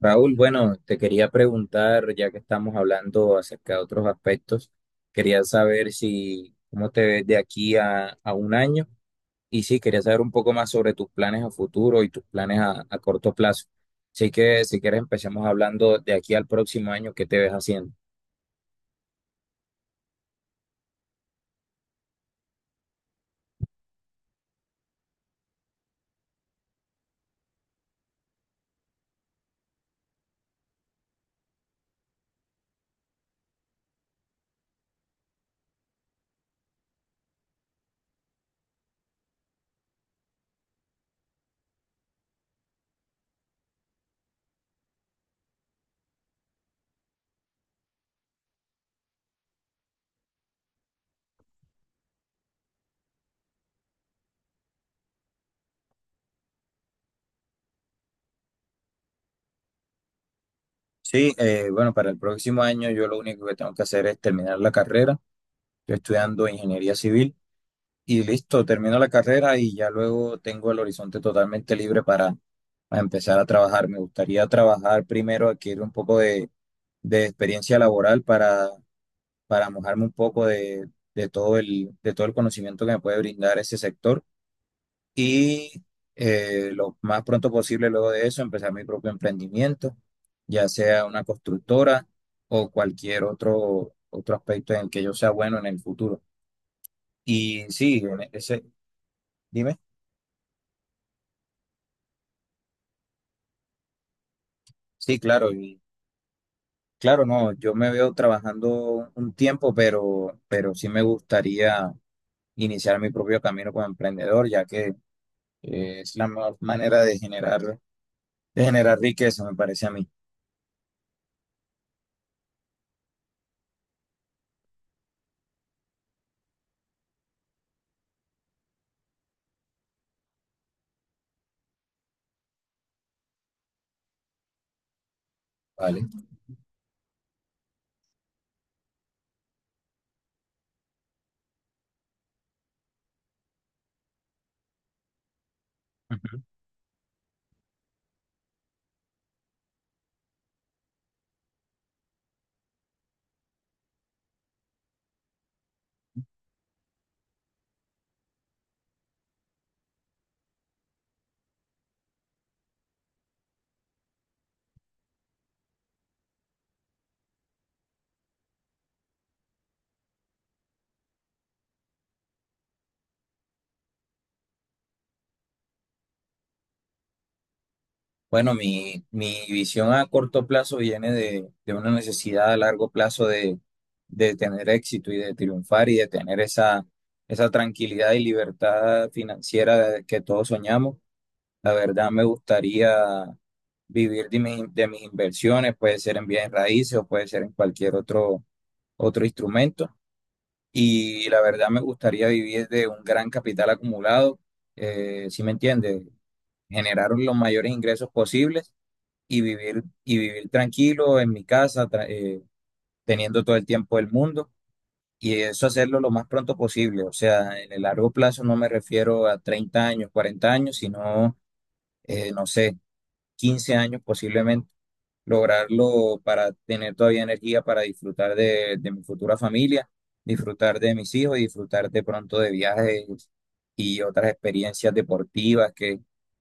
Raúl, bueno, te quería preguntar, ya que estamos hablando acerca de otros aspectos, quería saber si, cómo te ves de aquí a un año y sí, quería saber un poco más sobre tus planes a futuro y tus planes a corto plazo. Así que si quieres empecemos hablando de aquí al próximo año, ¿qué te ves haciendo? Sí, bueno, para el próximo año yo lo único que tengo que hacer es terminar la carrera. Estoy estudiando ingeniería civil y listo, termino la carrera y ya luego tengo el horizonte totalmente libre para a empezar a trabajar. Me gustaría trabajar primero, adquirir un poco de experiencia laboral para mojarme un poco de todo el conocimiento que me puede brindar ese sector y lo más pronto posible luego de eso empezar mi propio emprendimiento, ya sea una constructora o cualquier otro aspecto en el que yo sea bueno en el futuro. Y sí, dime. Sí, claro. Claro, no, yo me veo trabajando un tiempo, pero sí me gustaría iniciar mi propio camino como emprendedor, ya que es la mejor manera de generar riqueza, me parece a mí, ¿vale? Ujú. Bueno, mi visión a corto plazo viene de una necesidad a largo plazo de tener éxito y de triunfar y de tener esa tranquilidad y libertad financiera que todos soñamos. La verdad me gustaría vivir de mis inversiones, puede ser en bienes raíces o puede ser en cualquier otro instrumento. Y la verdad me gustaría vivir de un gran capital acumulado, ¿si me entiendes? Generar los mayores ingresos posibles y y vivir tranquilo en mi casa, teniendo todo el tiempo del mundo. Y eso hacerlo lo más pronto posible. O sea, en el largo plazo no me refiero a 30 años, 40 años, sino, no sé, 15 años posiblemente, lograrlo para tener todavía energía para disfrutar de mi futura familia, disfrutar de mis hijos y disfrutar de pronto de viajes y otras experiencias deportivas que,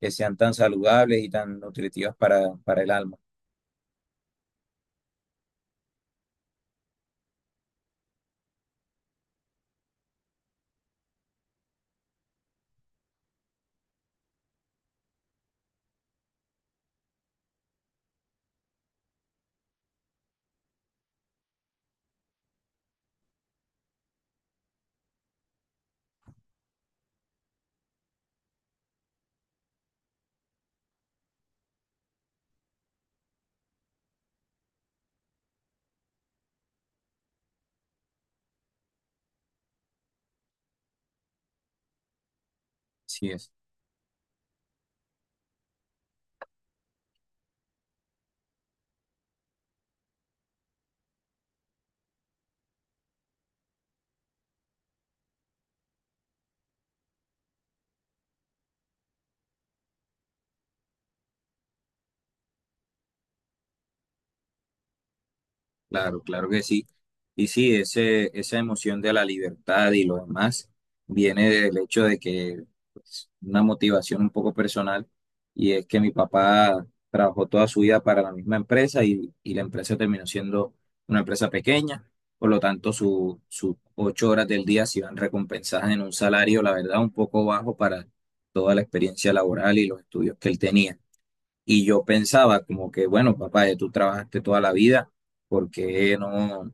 que sean tan saludables y tan nutritivas para el alma. Así es. Claro, claro que sí. Y sí, esa emoción de la libertad y lo demás viene del hecho de que pues, una motivación un poco personal y es que mi papá trabajó toda su vida para la misma empresa y la empresa terminó siendo una empresa pequeña, por lo tanto sus 8 horas del día se iban recompensadas en un salario, la verdad, un poco bajo para toda la experiencia laboral y los estudios que él tenía. Y yo pensaba como que, bueno, papá, ya tú trabajaste toda la vida, ¿por qué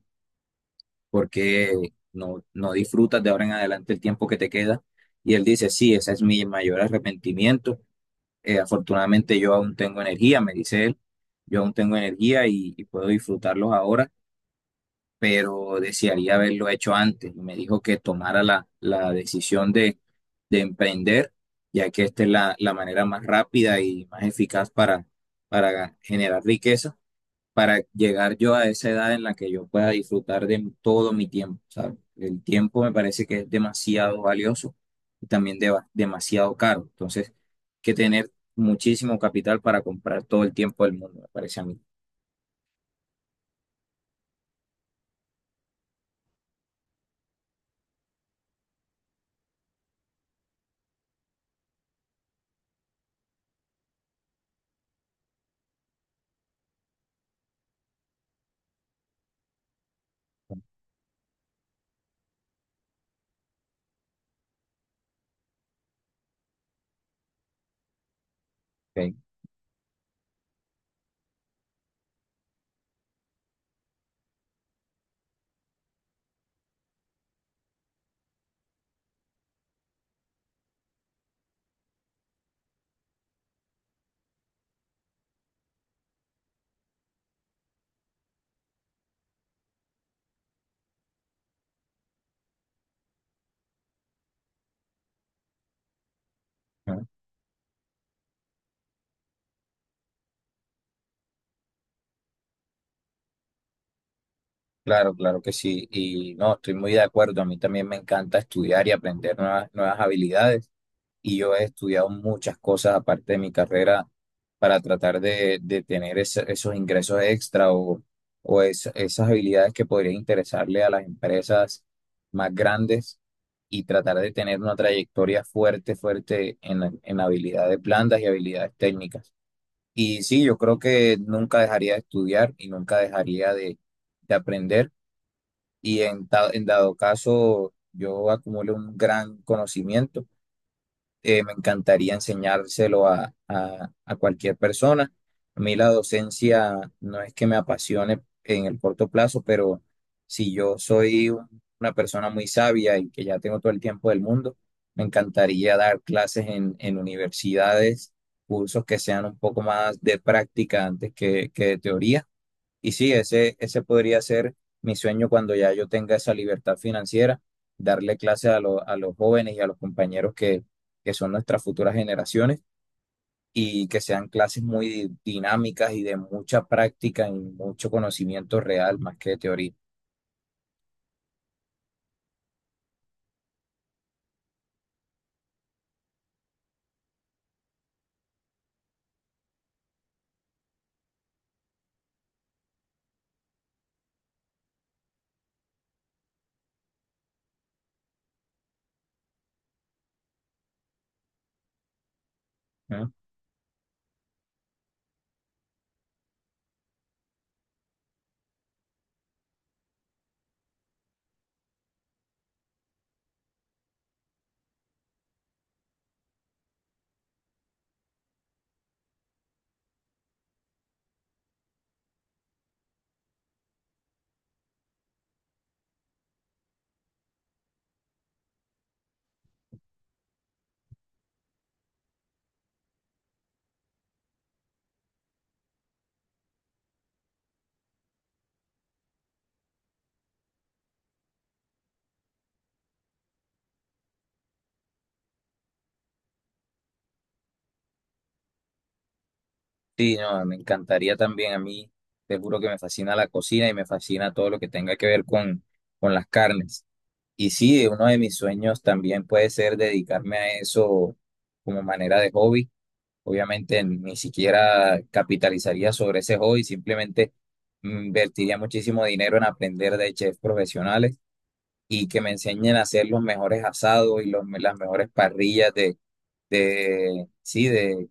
por qué no disfrutas de ahora en adelante el tiempo que te queda? Y él dice, sí, ese es mi mayor arrepentimiento. Afortunadamente yo aún tengo energía, me dice él, yo aún tengo energía y puedo disfrutarlos ahora pero desearía haberlo hecho antes. Y me dijo que tomara la decisión de emprender, ya que esta es la manera más rápida y más eficaz para generar riqueza, para llegar yo a esa edad en la que yo pueda disfrutar de todo mi tiempo, ¿sabes? El tiempo me parece que es demasiado valioso y también demasiado caro. Entonces, hay que tener muchísimo capital para comprar todo el tiempo del mundo, me parece a mí. ¿Ok? Claro, claro que sí. Y no, estoy muy de acuerdo. A mí también me encanta estudiar y aprender nuevas habilidades. Y yo he estudiado muchas cosas aparte de mi carrera para tratar de tener esos ingresos extra o esas habilidades que podrían interesarle a las empresas más grandes y tratar de tener una trayectoria fuerte en habilidades blandas y habilidades técnicas. Y sí, yo creo que nunca dejaría de estudiar y nunca dejaría de aprender y en dado caso yo acumulo un gran conocimiento, me encantaría enseñárselo a cualquier persona. A mí la docencia no es que me apasione en el corto plazo, pero si yo soy una persona muy sabia y que ya tengo todo el tiempo del mundo, me encantaría dar clases en universidades, cursos que sean un poco más de práctica antes que de teoría. Y sí, ese podría ser mi sueño cuando ya yo tenga esa libertad financiera, darle clase a los jóvenes y a los compañeros que son nuestras futuras generaciones y que sean clases muy dinámicas y de mucha práctica y mucho conocimiento real más que de teoría. ¿No? Sí, no, me encantaría también a mí, te juro que me fascina la cocina y me fascina todo lo que tenga que ver con las carnes. Y sí, uno de mis sueños también puede ser dedicarme a eso como manera de hobby. Obviamente ni siquiera capitalizaría sobre ese hobby, simplemente invertiría muchísimo dinero en aprender de chefs profesionales y que me enseñen a hacer los mejores asados y las mejores parrillas sí,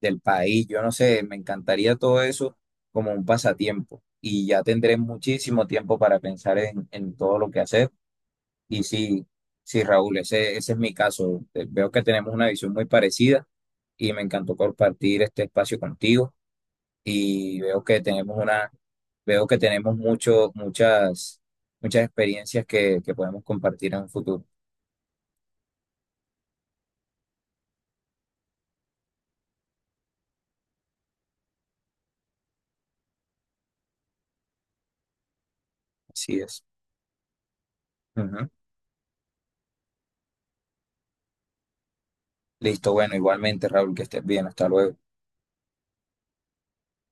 del país. Yo no sé, me encantaría todo eso como un pasatiempo y ya tendré muchísimo tiempo para pensar en todo lo que hacer. Y sí, sí, Raúl, ese es mi caso. Veo que tenemos una visión muy parecida y me encantó compartir este espacio contigo y veo que tenemos muchas experiencias que podemos compartir en un futuro. Así es. Ujú. Listo, bueno, igualmente, Raúl, que estés bien. Hasta luego.